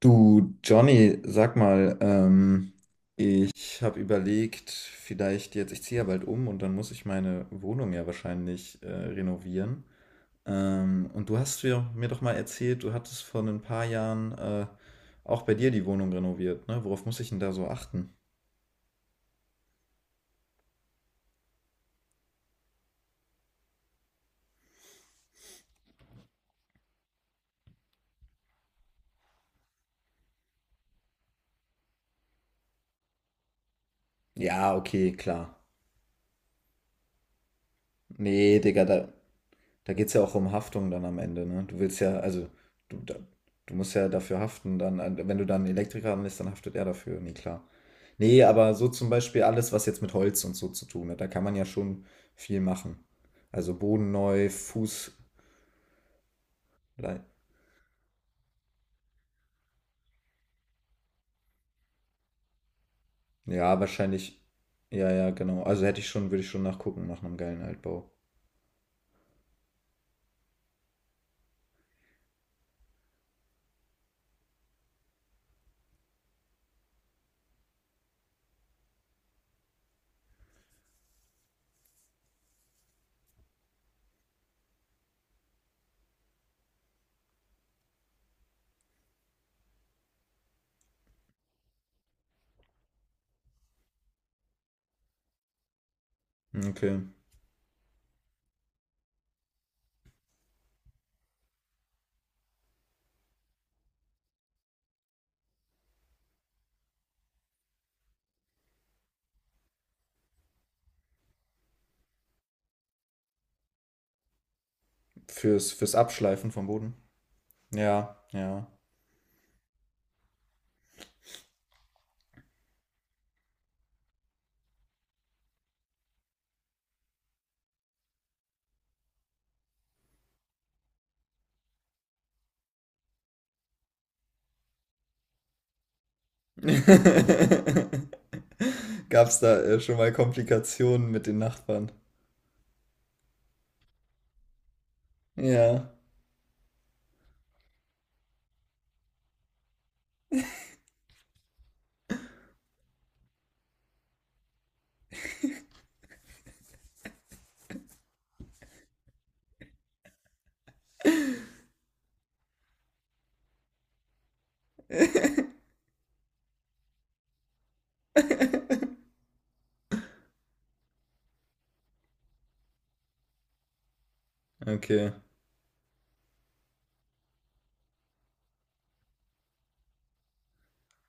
Du, Johnny, sag mal, ich habe überlegt, vielleicht jetzt, ich ziehe ja bald um und dann muss ich meine Wohnung ja wahrscheinlich renovieren. Und du hast mir doch mal erzählt, du hattest vor ein paar Jahren auch bei dir die Wohnung renoviert, ne? Worauf muss ich denn da so achten? Ja, okay, klar. Nee, Digga, da. Da geht es ja auch um Haftung dann am Ende, ne? Du willst ja, also, du, da, du musst ja dafür haften, dann, wenn du dann einen Elektriker anlässt, dann haftet er dafür, nee, klar. Nee, aber so zum Beispiel alles, was jetzt mit Holz und so zu tun hat, da kann man ja schon viel machen. Also Boden neu, lei- ja, wahrscheinlich, ja, ja, genau. Also hätte ich schon, würde ich schon nachgucken nach einem geilen Altbau. Okay. Fürs Abschleifen vom Boden. Ja, ja. Gab es da schon mal Komplikationen mit den Nachbarn? Ja, okay,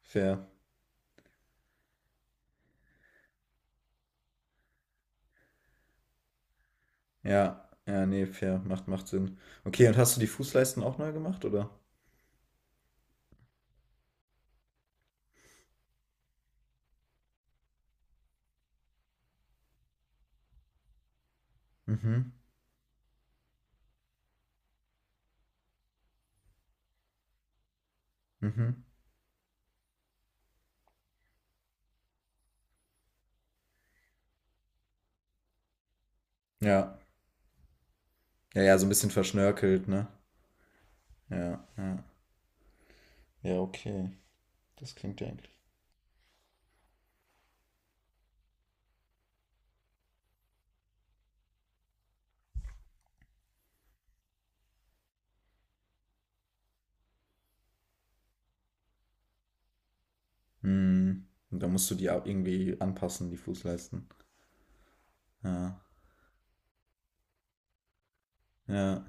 fair. Ja, ja, nee, fair, macht Sinn. Okay, und hast du die Fußleisten auch neu gemacht, oder? Mhm, mhm. Ja, ja, ja, so ein bisschen verschnörkelt, ne? Ja, ja. Ja, okay, das klingt ja eigentlich. Hm. Und da musst du die auch irgendwie anpassen, die Fußleisten. Ja, ja.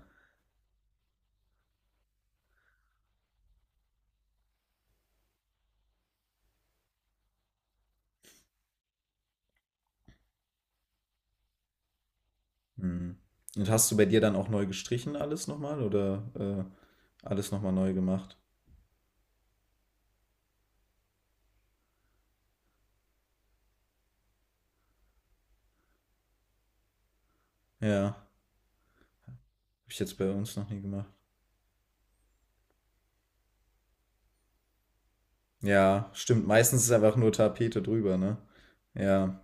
Hm. Und hast du bei dir dann auch neu gestrichen alles nochmal oder alles nochmal neu gemacht? Ja. Hab ich jetzt bei uns noch nie gemacht. Ja, stimmt. Meistens ist einfach nur Tapete drüber, ne? Ja,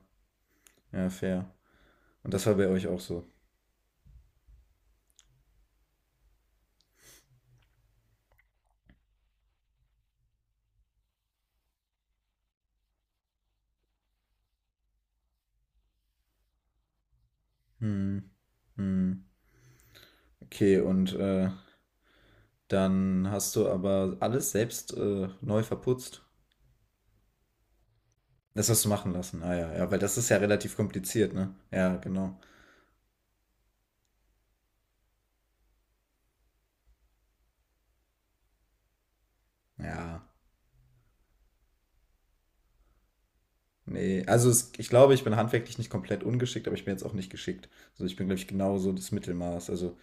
ja, fair. Und das war bei euch auch so. Hm, hm. Okay, und dann hast du aber alles selbst neu verputzt. Das hast du machen lassen. Ah ja, ja, weil das ist ja relativ kompliziert, ne? Ja, genau. Ja, nee. Also es, ich glaube, ich bin handwerklich nicht komplett ungeschickt, aber ich bin jetzt auch nicht geschickt. Also ich bin, glaube ich, genau so das Mittelmaß. Also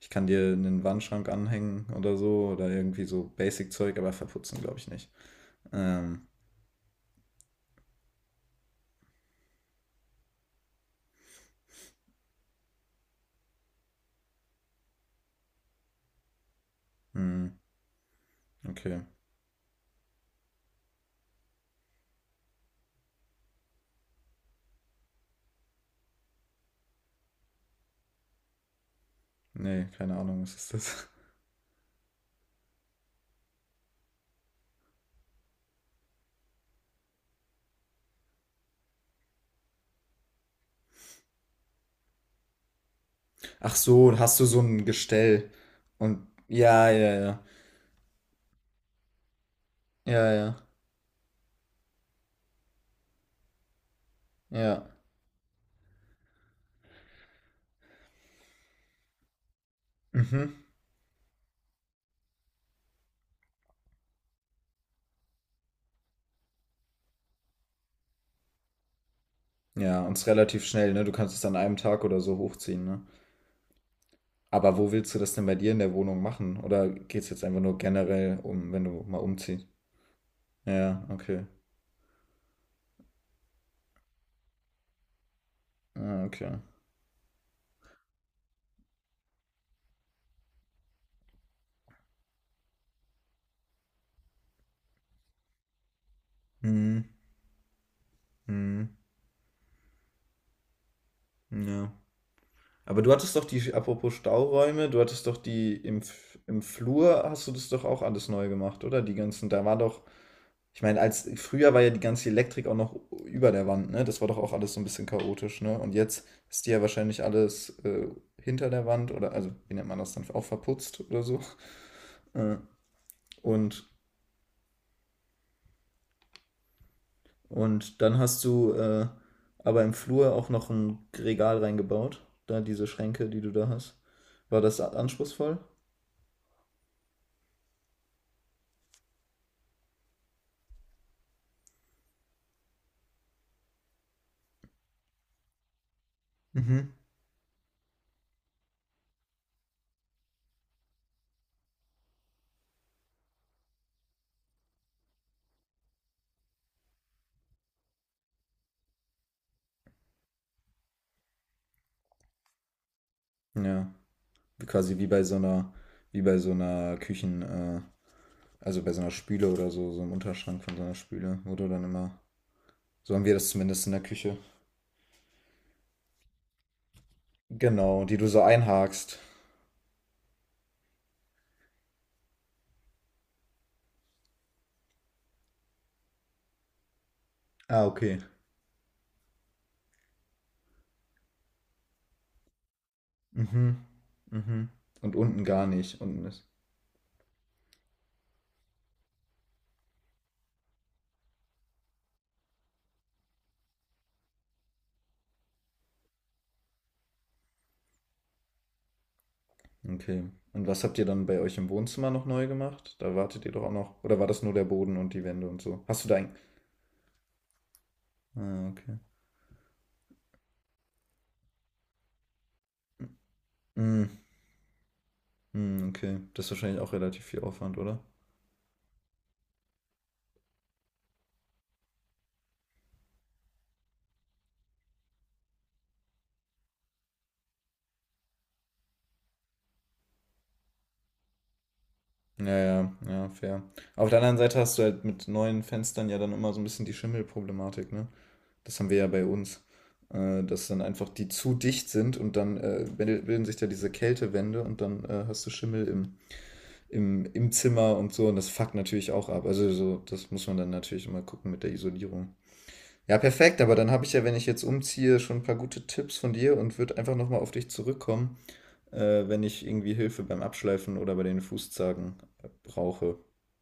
ich kann dir einen Wandschrank anhängen oder so oder irgendwie so Basic-Zeug, aber verputzen glaube ich nicht. Ähm, hm, okay. Nee, keine Ahnung, was ist das? Ach so, hast du so ein Gestell und ja, ja, ja. Ja, ja, ja. Mhm. Ja, und es ist relativ schnell, ne? Du kannst es an einem Tag oder so hochziehen, ne? Aber wo willst du das denn bei dir in der Wohnung machen? Oder geht es jetzt einfach nur generell um, wenn du mal umziehst? Ja, okay. Ah, okay. Mhm. Mhm. Ja. Aber du hattest doch die, apropos Stauräume, du hattest doch die im, F- im Flur, hast du das doch auch alles neu gemacht, oder? Die ganzen, da war doch, ich meine, als früher war ja die ganze Elektrik auch noch über der Wand, ne? Das war doch auch alles so ein bisschen chaotisch, ne? Und jetzt ist die ja wahrscheinlich alles hinter der Wand oder, also, wie nennt man das dann, auch verputzt oder so. Äh, und, und dann hast du aber im Flur auch noch ein Regal reingebaut, da diese Schränke, die du da hast. War das anspruchsvoll? Mhm. Ja. Quasi wie bei so einer, wie bei so einer Küchen, also bei so einer Spüle oder so, so einem Unterschrank von so einer Spüle, wo du dann immer. So haben wir das zumindest in der Küche. Genau, die du so einhakst. Ah, okay. Mhm. Mhm. Und unten gar nicht. Unten ist. Okay. Und was habt ihr dann bei euch im Wohnzimmer noch neu gemacht? Da wartet ihr doch auch noch. Oder war das nur der Boden und die Wände und so? Hast du da ein. Ah, okay. Mm, mm, okay. Das ist wahrscheinlich auch relativ viel Aufwand, oder? Ja, ja, ja, fair. Auf der anderen Seite hast du halt mit neuen Fenstern ja dann immer so ein bisschen die Schimmelproblematik, ne? Das haben wir ja bei uns. Dass dann einfach die zu dicht sind und dann bilden sich da diese Kältewände und dann hast du Schimmel im Zimmer und so und das fuckt natürlich auch ab. Also so, das muss man dann natürlich immer gucken mit der Isolierung. Ja, perfekt, aber dann habe ich ja, wenn ich jetzt umziehe, schon ein paar gute Tipps von dir und würde einfach nochmal auf dich zurückkommen, wenn ich irgendwie Hilfe beim Abschleifen oder bei den Fußzagen brauche.